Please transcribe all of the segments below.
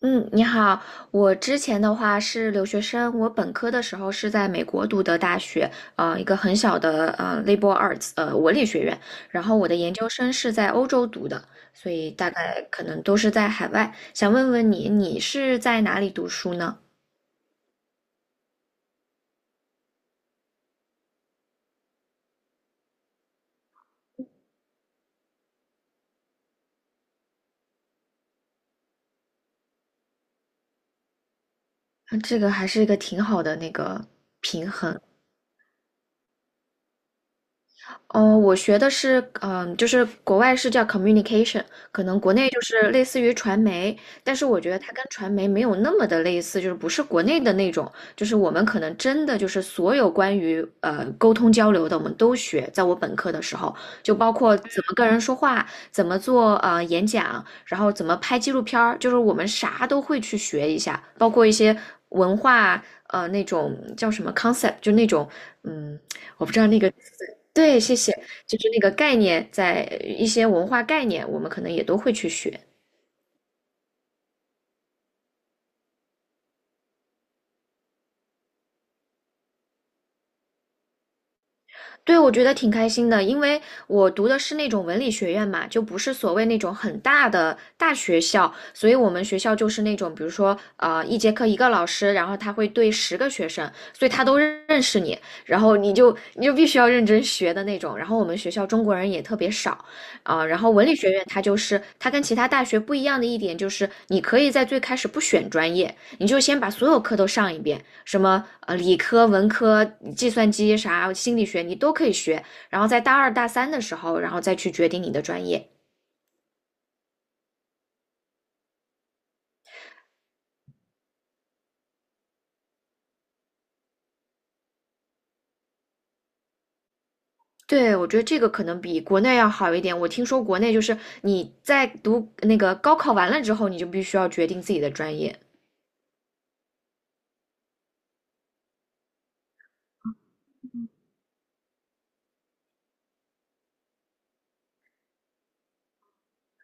嗯，你好。我之前的话是留学生，我本科的时候是在美国读的大学，一个很小的liberal arts 文理学院。然后我的研究生是在欧洲读的，所以大概可能都是在海外。想问问你，你是在哪里读书呢？啊这个还是一个挺好的那个平衡。哦，我学的是，就是国外是叫 communication，可能国内就是类似于传媒，但是我觉得它跟传媒没有那么的类似，就是不是国内的那种，就是我们可能真的就是所有关于沟通交流的，我们都学，在我本科的时候，就包括怎么跟人说话，怎么做演讲，然后怎么拍纪录片儿，就是我们啥都会去学一下，包括一些文化那种叫什么 concept，就那种嗯。我不知道那个对，谢谢。就是那个概念，在一些文化概念，我们可能也都会去学。对，我觉得挺开心的，因为我读的是那种文理学院嘛，就不是所谓那种很大的大学校，所以我们学校就是那种，比如说，一节课一个老师，然后他会对十个学生，所以他都认识你，然后你就必须要认真学的那种。然后我们学校中国人也特别少，然后文理学院它就是它跟其他大学不一样的一点就是，你可以在最开始不选专业，你就先把所有课都上一遍，什么理科、文科、计算机啥、心理学你都可以学，然后在大二大三的时候，然后再去决定你的专业。对，我觉得这个可能比国内要好一点。我听说国内就是你在读那个高考完了之后，你就必须要决定自己的专业。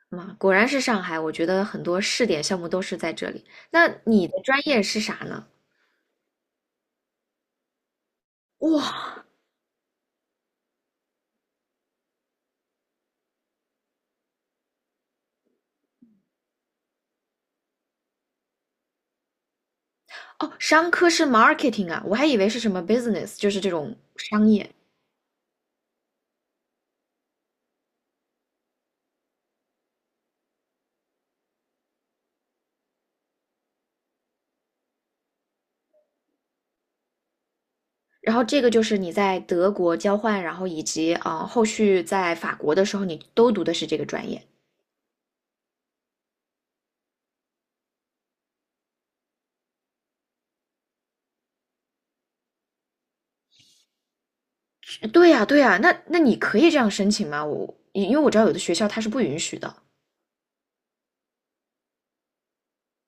嘛，果然是上海，我觉得很多试点项目都是在这里。那你的专业是啥呢？哇，哦，商科是 marketing 啊，我还以为是什么 business，就是这种商业。然后这个就是你在德国交换，然后以及后续在法国的时候，你都读的是这个专业。对呀，对呀，那你可以这样申请吗？我因为我知道有的学校它是不允许的。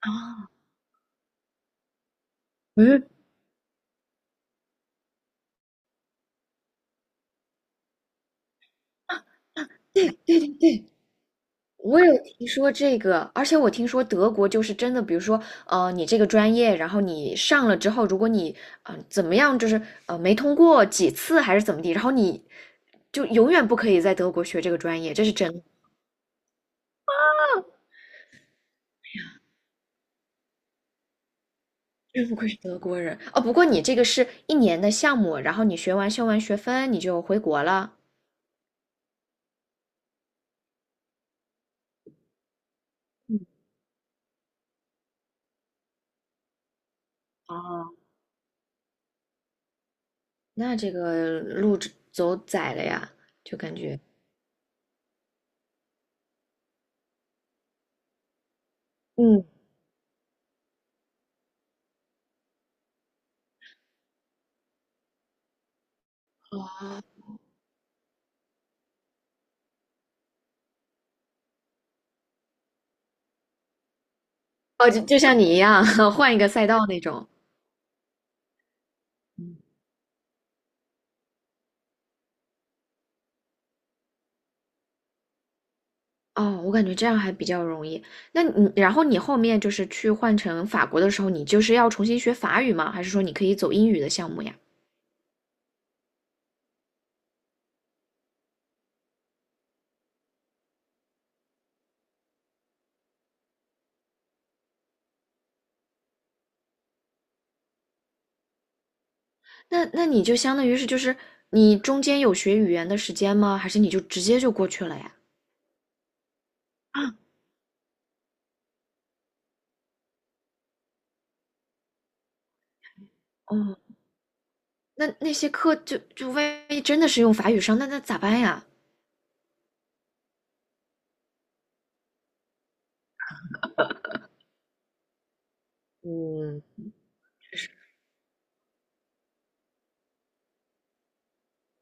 啊，嗯，我有听说这个，而且我听说德国就是真的，比如说，你这个专业，然后你上了之后，如果你，怎么样，就是没通过几次还是怎么地，然后你就永远不可以在德国学这个专业，这是真的。真不愧是德国人哦！不过你这个是一年的项目，然后你学完修完学分，你就回国了。哦，那这个路只走窄了呀，就感觉，嗯，哦，就像你一样，换一个赛道那种。哦，我感觉这样还比较容易。那你，然后你后面就是去换成法国的时候，你就是要重新学法语吗？还是说你可以走英语的项目呀？那你就相当于是就是你中间有学语言的时间吗？还是你就直接就过去了呀？哦，那些课就万一真的是用法语上，那那咋办呀？嗯，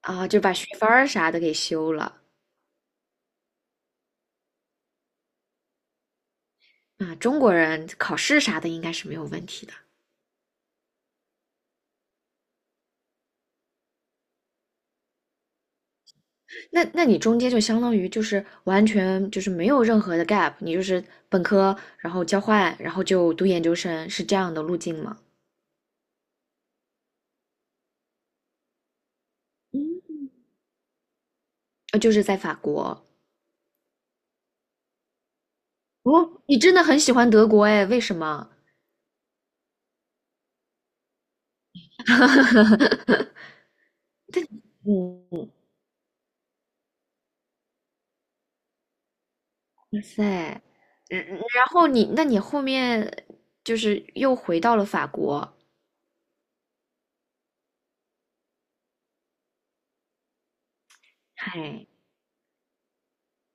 啊，就把学分儿啥的给修了啊。中国人考试啥的应该是没有问题的。那你中间就相当于就是完全就是没有任何的 gap，你就是本科，然后交换，然后就读研究生，是这样的路径吗？嗯，就是在法国。哦，你真的很喜欢德国哎？为什么？嗯。哇塞，嗯，嗯然后你，那你后面就是又回到了法国，嗨，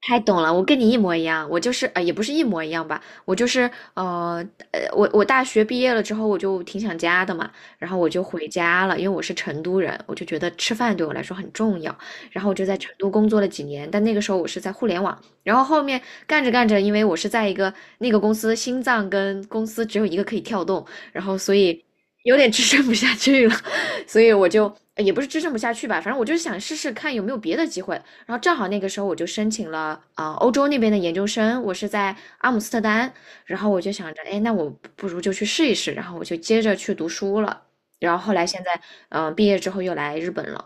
太懂了，我跟你一模一样，我就是呃，也不是一模一样吧，我就是呃呃，我我大学毕业了之后，我就挺想家的嘛，然后我就回家了，因为我是成都人，我就觉得吃饭对我来说很重要，然后我就在成都工作了几年，但那个时候我是在互联网，然后后面干着干着，因为我是在一个那个公司心脏跟公司只有一个可以跳动，然后所以有点支撑不下去了，所以我就也不是支撑不下去吧，反正我就是想试试看有没有别的机会。然后正好那个时候我就申请了欧洲那边的研究生，我是在阿姆斯特丹，然后我就想着，哎，那我不如就去试一试，然后我就接着去读书了，然后后来现在，毕业之后又来日本了。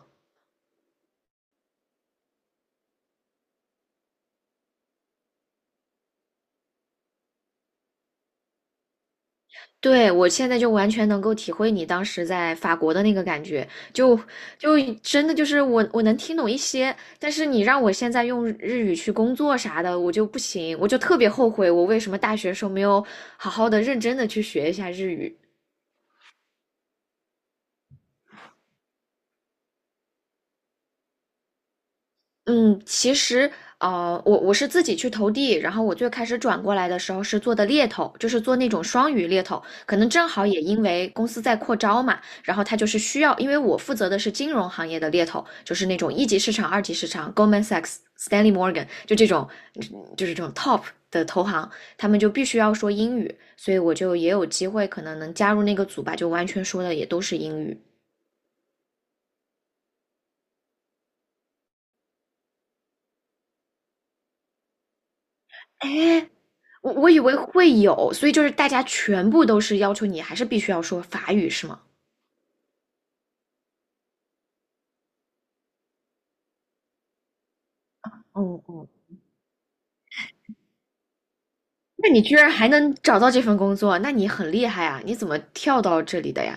对，我现在就完全能够体会你当时在法国的那个感觉，就就真的就是我能听懂一些，但是你让我现在用日语去工作啥的，我就不行，我就特别后悔我为什么大学时候没有好好的认真的去学一下日语。嗯，其实，我是自己去投递，然后我最开始转过来的时候是做的猎头，就是做那种双语猎头，可能正好也因为公司在扩招嘛，然后他就是需要，因为我负责的是金融行业的猎头，就是那种一级市场、二级市场，Goldman Sachs、Stanley Morgan，就这种，嗯就是这种 top 的投行，他们就必须要说英语，所以我就也有机会可能能加入那个组吧，就完全说的也都是英语。我以为会有，所以就是大家全部都是要求你还是必须要说法语，是吗？嗯嗯，那你居然还能找到这份工作，那你很厉害啊！你怎么跳到这里的呀？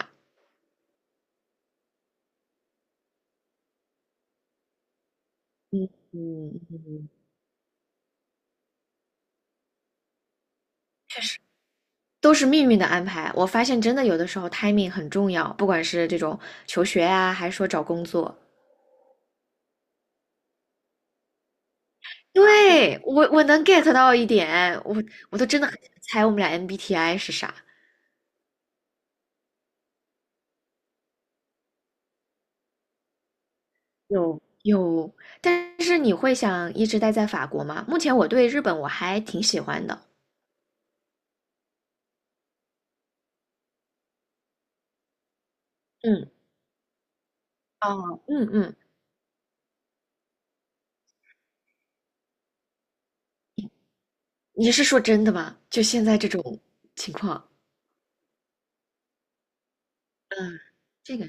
嗯嗯嗯，都是命运的安排。我发现真的有的时候 timing 很重要，不管是这种求学啊，还是说找工作。对，我我能 get 到一点，我我都真的很想猜我们俩 MBTI 是啥。有有，但是你会想一直待在法国吗？目前我对日本我还挺喜欢的。嗯，哦，嗯嗯，你是说真的吗？就现在这种情况，嗯，这个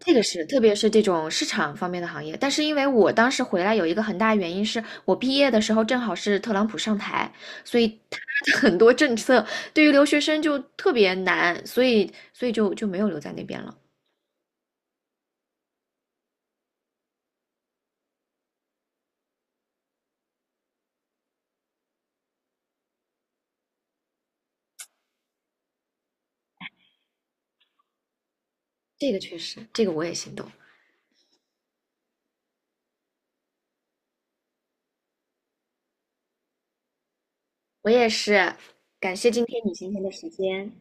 这个是，特别是这种市场方面的行业。但是因为我当时回来有一个很大原因是我毕业的时候正好是特朗普上台，所以他的很多政策对于留学生就特别难，所以就没有留在那边了。这个确实，这个我也心动。我也是，感谢今天你今天的时间。